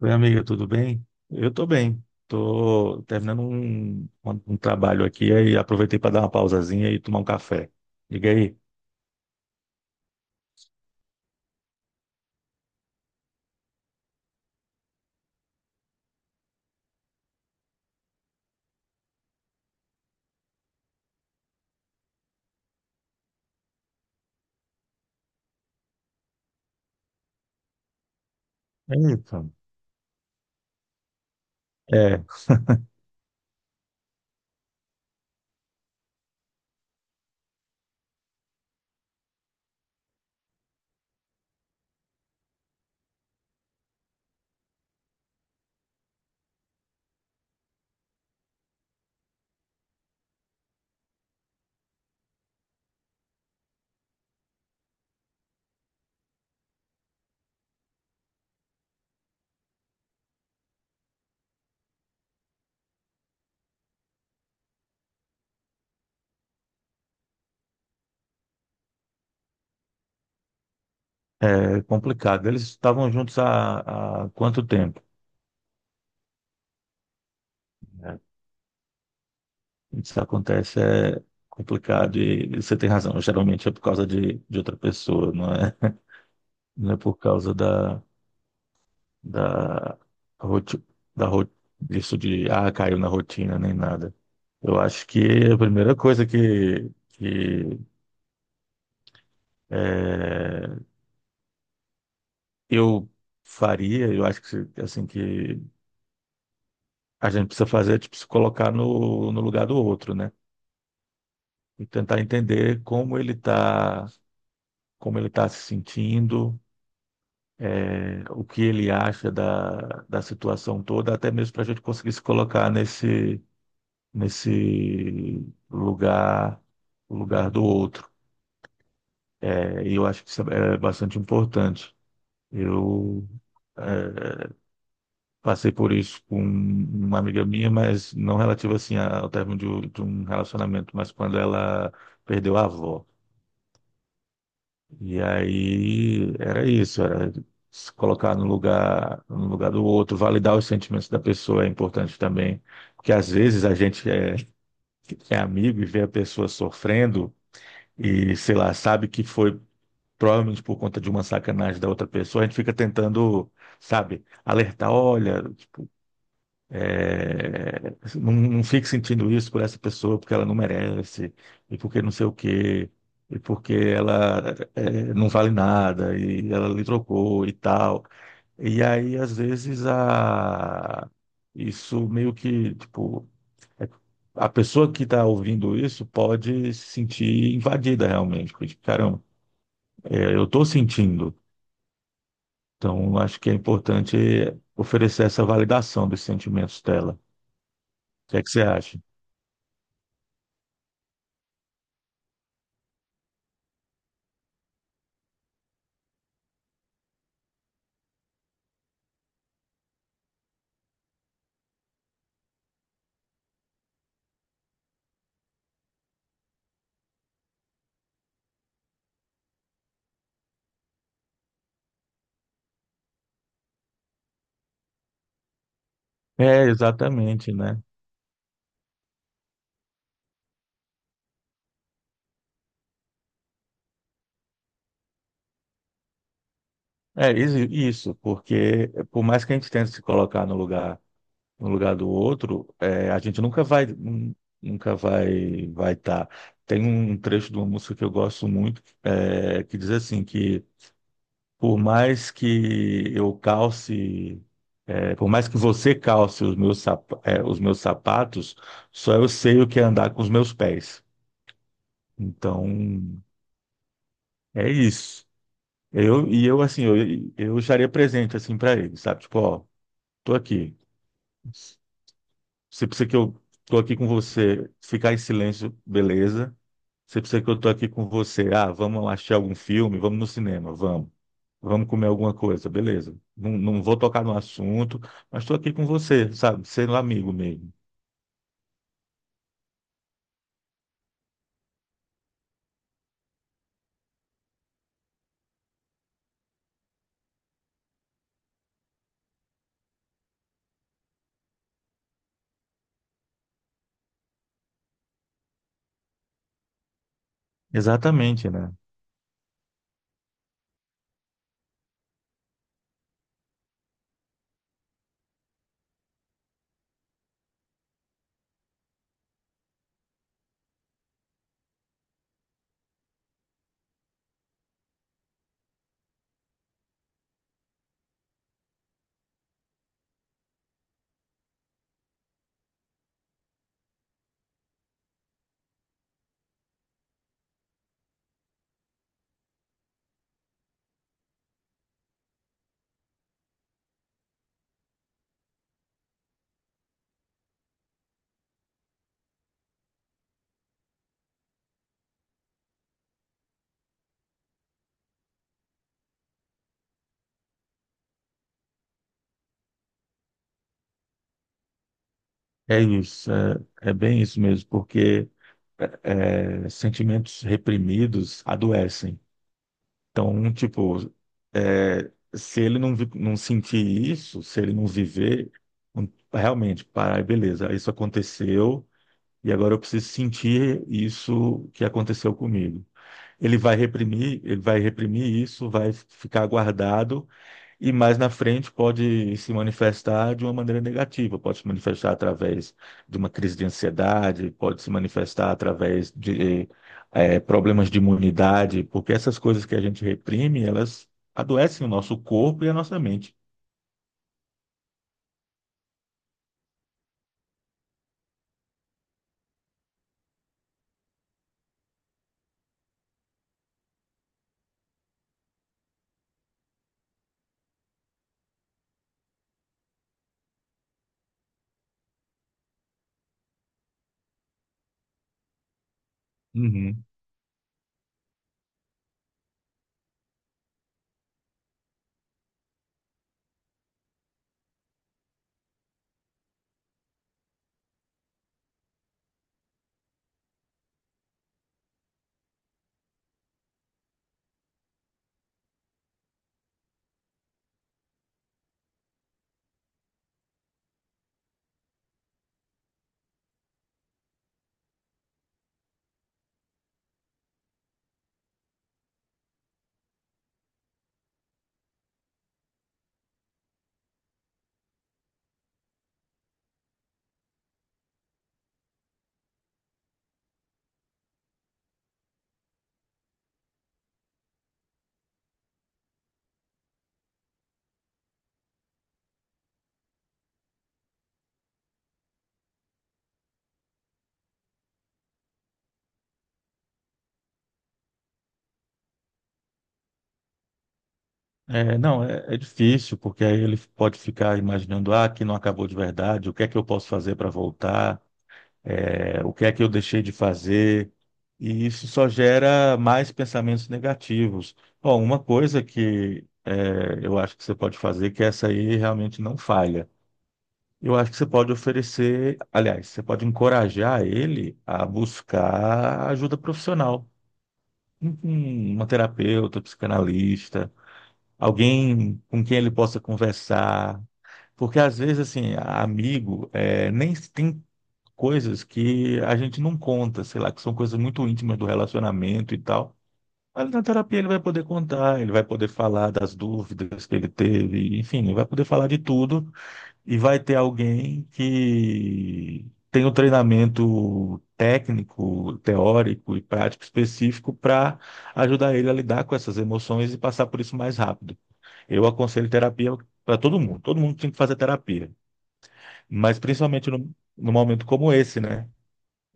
Oi, amiga, tudo bem? Eu tô bem. Tô terminando um trabalho aqui aí aproveitei para dar uma pausazinha e tomar um café. Diga aí. Eita. É, é complicado. Eles estavam juntos há quanto tempo? Né? Isso acontece é complicado e você tem razão. Geralmente é por causa de outra pessoa, não é? Não é por causa da, roti- da isso de, ah, caiu na rotina, nem nada. Eu acho que a primeira coisa que é, eu faria, eu acho que, assim, que a gente precisa fazer é, tipo, se colocar no lugar do outro, né? E tentar entender como ele está, como ele tá se sentindo, o que ele acha da situação toda, até mesmo para a gente conseguir se colocar nesse lugar, um lugar do outro. É, e eu acho que isso é bastante importante. Eu é, passei por isso com uma amiga minha, mas não relativo assim ao término um de um relacionamento, mas quando ela perdeu a avó. E aí era isso, era se colocar no lugar, no lugar do outro, validar os sentimentos da pessoa é importante também, porque às vezes é amigo e vê a pessoa sofrendo e, sei lá, sabe que foi provavelmente por conta de uma sacanagem da outra pessoa, a gente fica tentando, sabe, alertar, olha, é, não, não fique sentindo isso por essa pessoa, porque ela não merece, e porque não sei o quê, e porque ela é, não vale nada, e ela lhe trocou e tal. E aí, às vezes, a... isso meio que, tipo, é- a pessoa que está ouvindo isso pode se sentir invadida realmente. Porque, tipo, caramba, eu estou sentindo. Então, acho que é importante oferecer essa validação dos sentimentos dela. O que é que você acha? É, exatamente, né? É isso, isso, porque por mais que a gente tente se colocar no lugar, no lugar do outro, a gente nunca vai, vai estar. Tem um trecho de uma música que eu gosto muito, que diz assim que por mais que eu calce, por mais que você calce os meus sapatos, só eu sei o que é andar com os meus pés. Então, é isso. Eu, e eu, assim, eu estaria presente, assim, para ele, sabe? Tipo, ó, tô aqui. Você precisa que eu tô aqui com você, ficar em silêncio, beleza. Você precisa que eu tô aqui com você. Ah, vamos assistir algum filme, vamos no cinema, vamos. Vamos comer alguma coisa, beleza. Não, não vou tocar no assunto, mas estou aqui com você, sabe? Sendo amigo mesmo. Exatamente, né? É isso, é, é bem isso mesmo, porque sentimentos reprimidos adoecem. Então, tipo, se ele não não sentir isso, se ele não viver, um- realmente, parar, e beleza, isso aconteceu e agora eu preciso sentir isso que aconteceu comigo. Ele vai reprimir isso, vai ficar guardado e mais na frente pode se manifestar de uma maneira negativa, pode se manifestar através de uma crise de ansiedade, pode se manifestar através de problemas de imunidade, porque essas coisas que a gente reprime, elas adoecem o nosso corpo e a nossa mente. Uhum. É, não, é, é difícil, porque aí ele pode ficar imaginando, ah, aqui não acabou de verdade, o que é que eu posso fazer para voltar? É, o que é que eu deixei de fazer, e isso só gera mais pensamentos negativos. Bom, uma coisa eu acho que você pode fazer, que essa aí realmente não falha. Eu acho que você pode oferecer, aliás, você pode encorajar ele a buscar ajuda profissional, uma terapeuta, um psicanalista, alguém com quem ele possa conversar. Porque às vezes, assim, amigo, nem tem coisas que a gente não conta, sei lá, que são coisas muito íntimas do relacionamento e tal. Mas na terapia ele vai poder contar, ele vai poder falar das dúvidas que ele teve, enfim, ele vai poder falar de tudo e vai ter alguém que tem o treinamento técnico, teórico e prático específico para ajudar ele a lidar com essas emoções e passar por isso mais rápido. Eu aconselho terapia para todo mundo tem que fazer terapia, mas principalmente num momento como esse, né?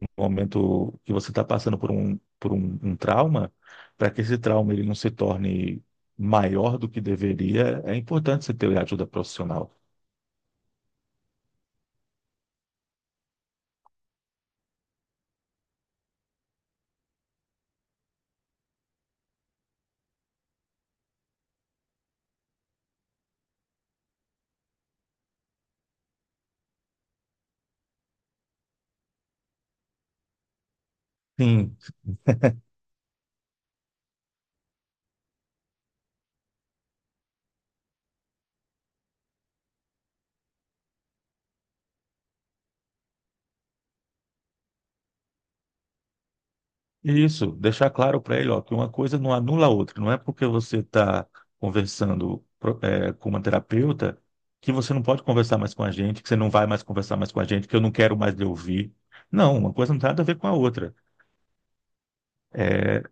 No momento que você está passando por um trauma, para que esse trauma ele não se torne maior do que deveria, é importante você ter ajuda profissional. Sim, e isso, deixar claro para ele, ó, que uma coisa não anula a outra. Não é porque você está conversando, com uma terapeuta que você não pode conversar mais com a gente, que você não vai mais conversar mais com a gente, que eu não quero mais lhe ouvir. Não, uma coisa não tem nada a ver com a outra. É,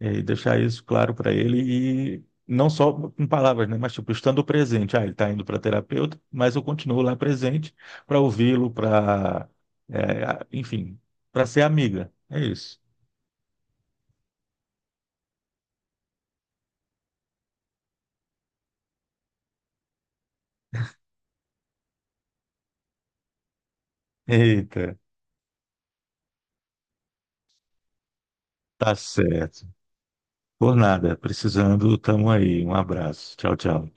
E deixar isso claro para ele e não só com palavras, né? Mas tipo, estando presente. Ah, ele está indo para terapeuta, mas eu continuo lá presente para ouvi-lo, para, enfim, para ser amiga. É isso. Eita, tá certo. Por nada, precisando, tamo aí. Um abraço. Tchau, tchau.